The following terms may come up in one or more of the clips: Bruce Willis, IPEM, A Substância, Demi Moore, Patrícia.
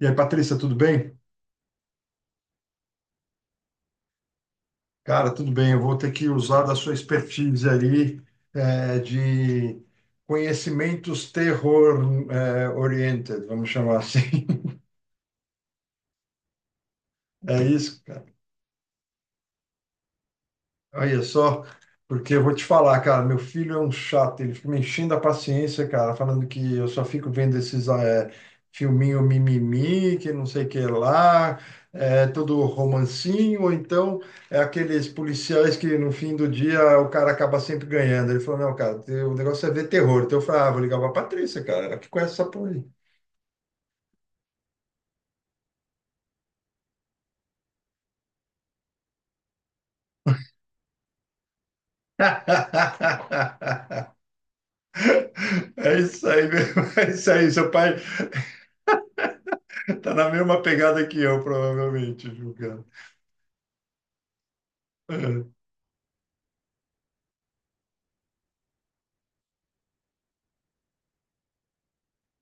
E aí, Patrícia, tudo bem? Cara, tudo bem. Eu vou ter que usar da sua expertise ali de conhecimentos terror oriented, vamos chamar assim. É isso, cara? Olha só, porque eu vou te falar, cara, meu filho é um chato, ele fica me enchendo a paciência, cara, falando que eu só fico vendo esses filminho mimimi, que não sei o que lá, é, todo romancinho, ou então é aqueles policiais que no fim do dia o cara acaba sempre ganhando. Ele falou: "Não, cara, o negócio é ver terror." Então eu falei: "Ah, vou ligar pra Patrícia, cara, ela que conhece essa porra aí." É isso aí mesmo, é isso aí, seu pai. Tá na mesma pegada que eu, provavelmente, julgando. É,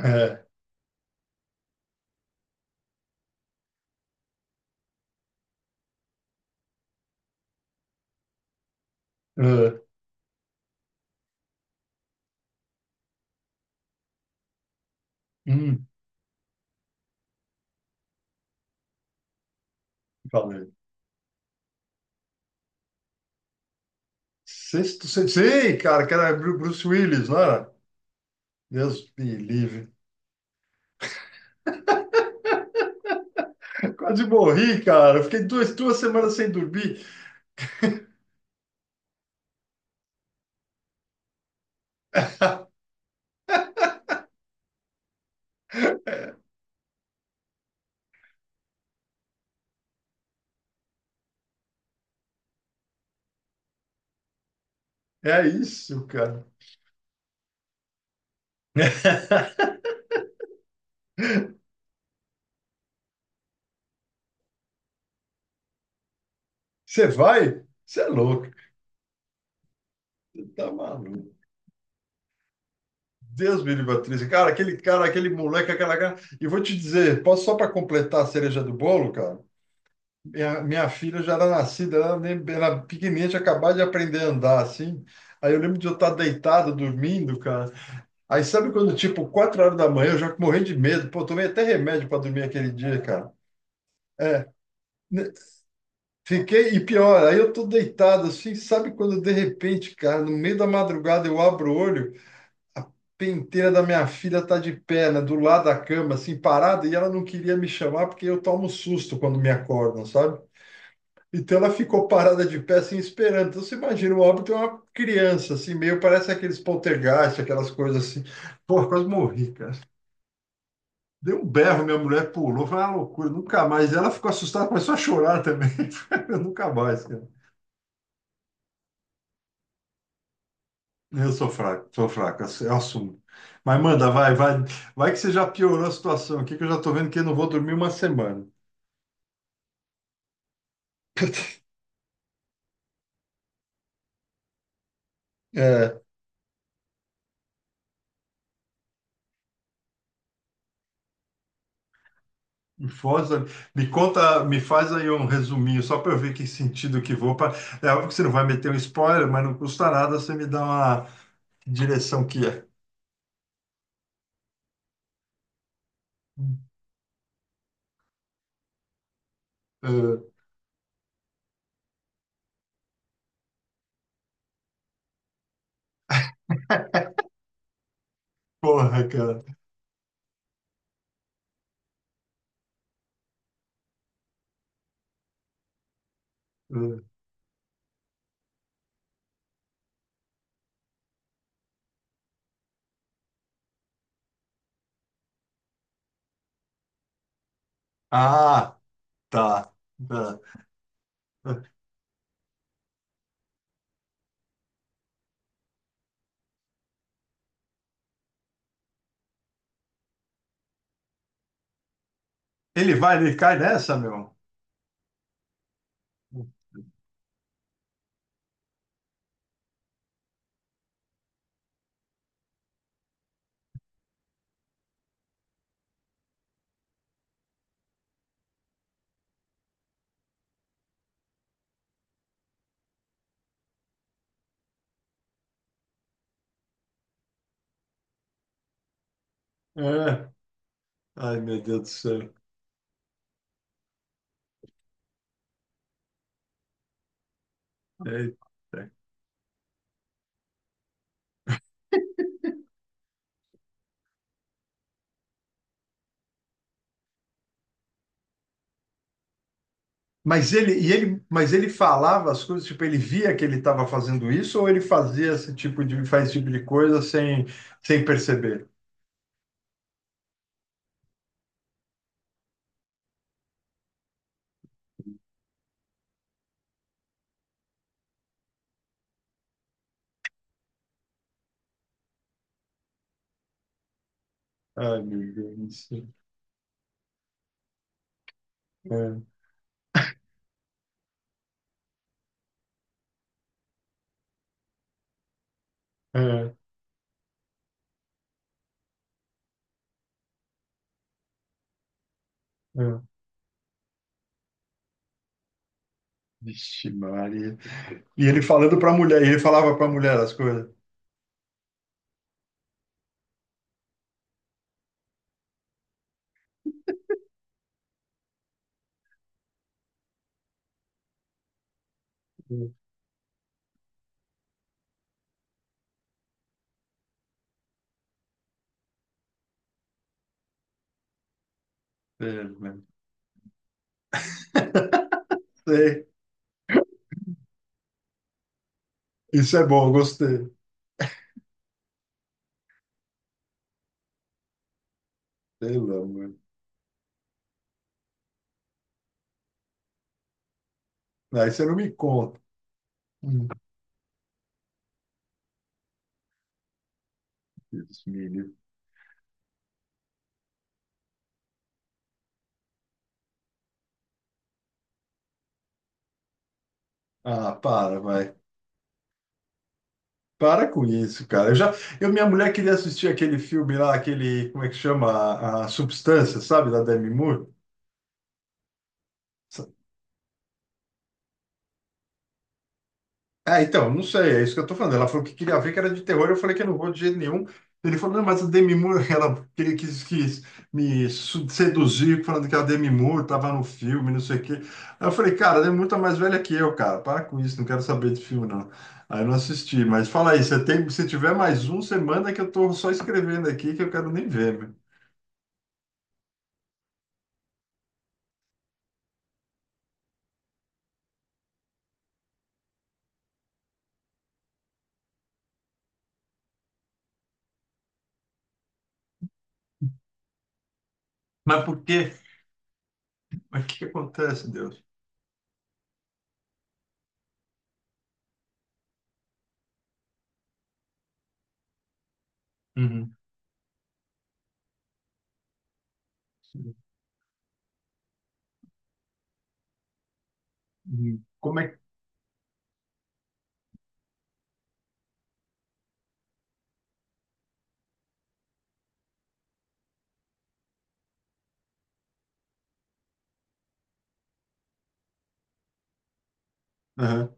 é, é. Hum, falei. Sexto, sexto. Sei, cara, que era Bruce Willis, não era? Deus me livre. Quase morri, cara. Eu fiquei 2 semanas sem dormir. É isso, cara. Você vai? Você é louco. Tá maluco. Deus me livre, atriz. Cara, aquele moleque, aquela cara. E vou te dizer, posso só para completar a cereja do bolo, cara? Minha filha já era nascida, ela nem era pequenininha, tinha acabado de aprender a andar, assim. Aí eu lembro de eu estar deitado, dormindo, cara. Aí sabe quando, tipo, 4 horas da manhã, eu já morri de medo. Pô, tomei até remédio para dormir aquele dia, cara. Ne- Fiquei, e pior, aí eu tô deitado, assim, sabe quando, de repente, cara, no meio da madrugada eu abro o olho, a penteira da minha filha tá de perna, do lado da cama, assim, parada, e ela não queria me chamar porque eu tomo susto quando me acordam, sabe? Então ela ficou parada de pé, assim, esperando. Então você imagina, o óbito é uma criança, assim, meio parece aqueles poltergeist, aquelas coisas assim. Pô, quase morri, cara. Deu um berro, minha mulher pulou, foi uma loucura, nunca mais. Ela ficou assustada, começou a chorar também. Eu nunca mais, cara. Eu sou fraco, eu assumo. Mas manda, vai, vai. Vai que você já piorou a situação aqui, que eu já tô vendo que eu não vou dormir uma semana. É, Foz, me conta, me faz aí um resuminho, só para eu ver que sentido que vou. Pra... é óbvio que você não vai meter um spoiler, mas não custa nada você me dar uma que direção que é. Eh, Porra, cara. Eh, ah, tá. Tá. Ele vai, ele cai nessa, meu? É. Ai, meu Deus do céu. Eita. Mas ele, e ele, mas ele falava as coisas, tipo, ele via que ele estava fazendo isso ou ele fazia esse tipo de, faz esse tipo de coisa sem, sem perceber? Ai, meu Deus do céu. É, é, é. Vixe, Maria. E ele falando para a mulher, e ele falava para a mulher as coisas. É, mano. Sei. Isso é bom, gostei. Sei lá, mano. Aí você não me conta. Hum, Deus me livre. Ah, para, vai. Para com isso, cara. Minha mulher queria assistir aquele filme lá, aquele, como é que chama? A Substância, sabe? Da Demi Moore. É, então, não sei, é isso que eu tô falando. Ela falou que queria ver que era de terror, eu falei que eu não vou de jeito nenhum. Ele falou: "Não, mas a Demi Moore", ela queria, quis seduzir falando que a Demi Moore tava no filme, não sei o quê. Aí eu falei: "Cara, ela é muito mais velha que eu, cara, para com isso, não quero saber de filme, não." Aí eu não assisti, mas fala aí, você tem, se tiver mais um, você manda que eu tô só escrevendo aqui, que eu quero nem ver, meu. Mas por quê? Mas o que que acontece, Deus? Uhum. Uhum. Como é que... Aham.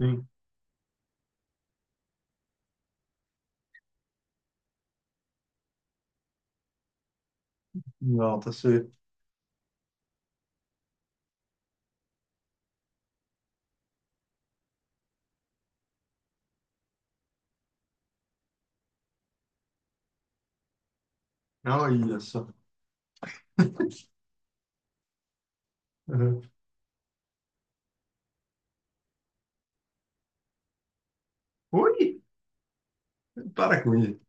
Uhum. Não, tá certo. Olha só. Uhum. Oi, para com isso.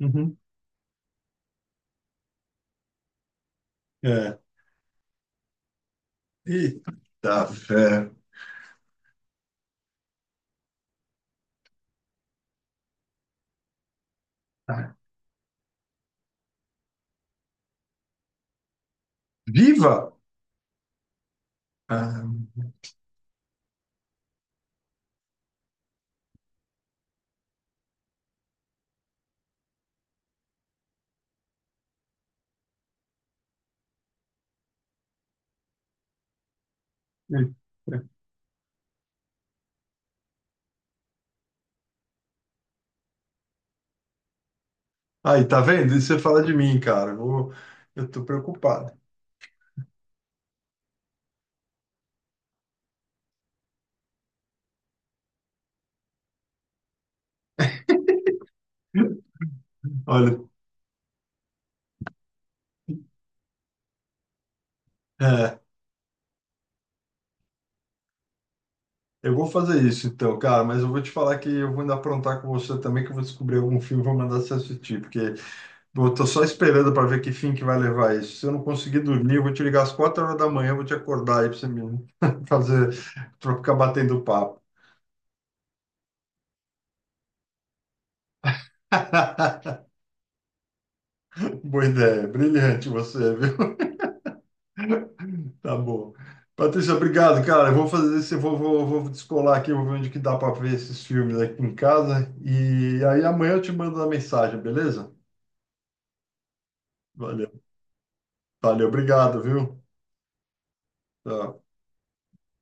Uhum. É. Eita fé. Viva! Ah, e- é. Aí, tá vendo? Isso você fala de mim, cara. Eu tô preocupado. Olha, é, eu vou fazer isso então, cara, mas eu vou te falar que eu vou ainda aprontar com você também, que eu vou descobrir algum filme e vou mandar você assistir, porque eu tô só esperando para ver que fim que vai levar isso. Se eu não conseguir dormir, eu vou te ligar às 4 horas da manhã, eu vou te acordar aí pra você me fazer, pra ficar batendo papo. Boa ideia, brilhante você, viu? Tá bom. Patrícia, obrigado, cara. Eu vou fazer isso, eu vou, vou, vou descolar aqui, vou ver onde que dá para ver esses filmes aqui em casa. E aí amanhã eu te mando uma mensagem, beleza? Valeu, valeu, obrigado, viu? Tchau.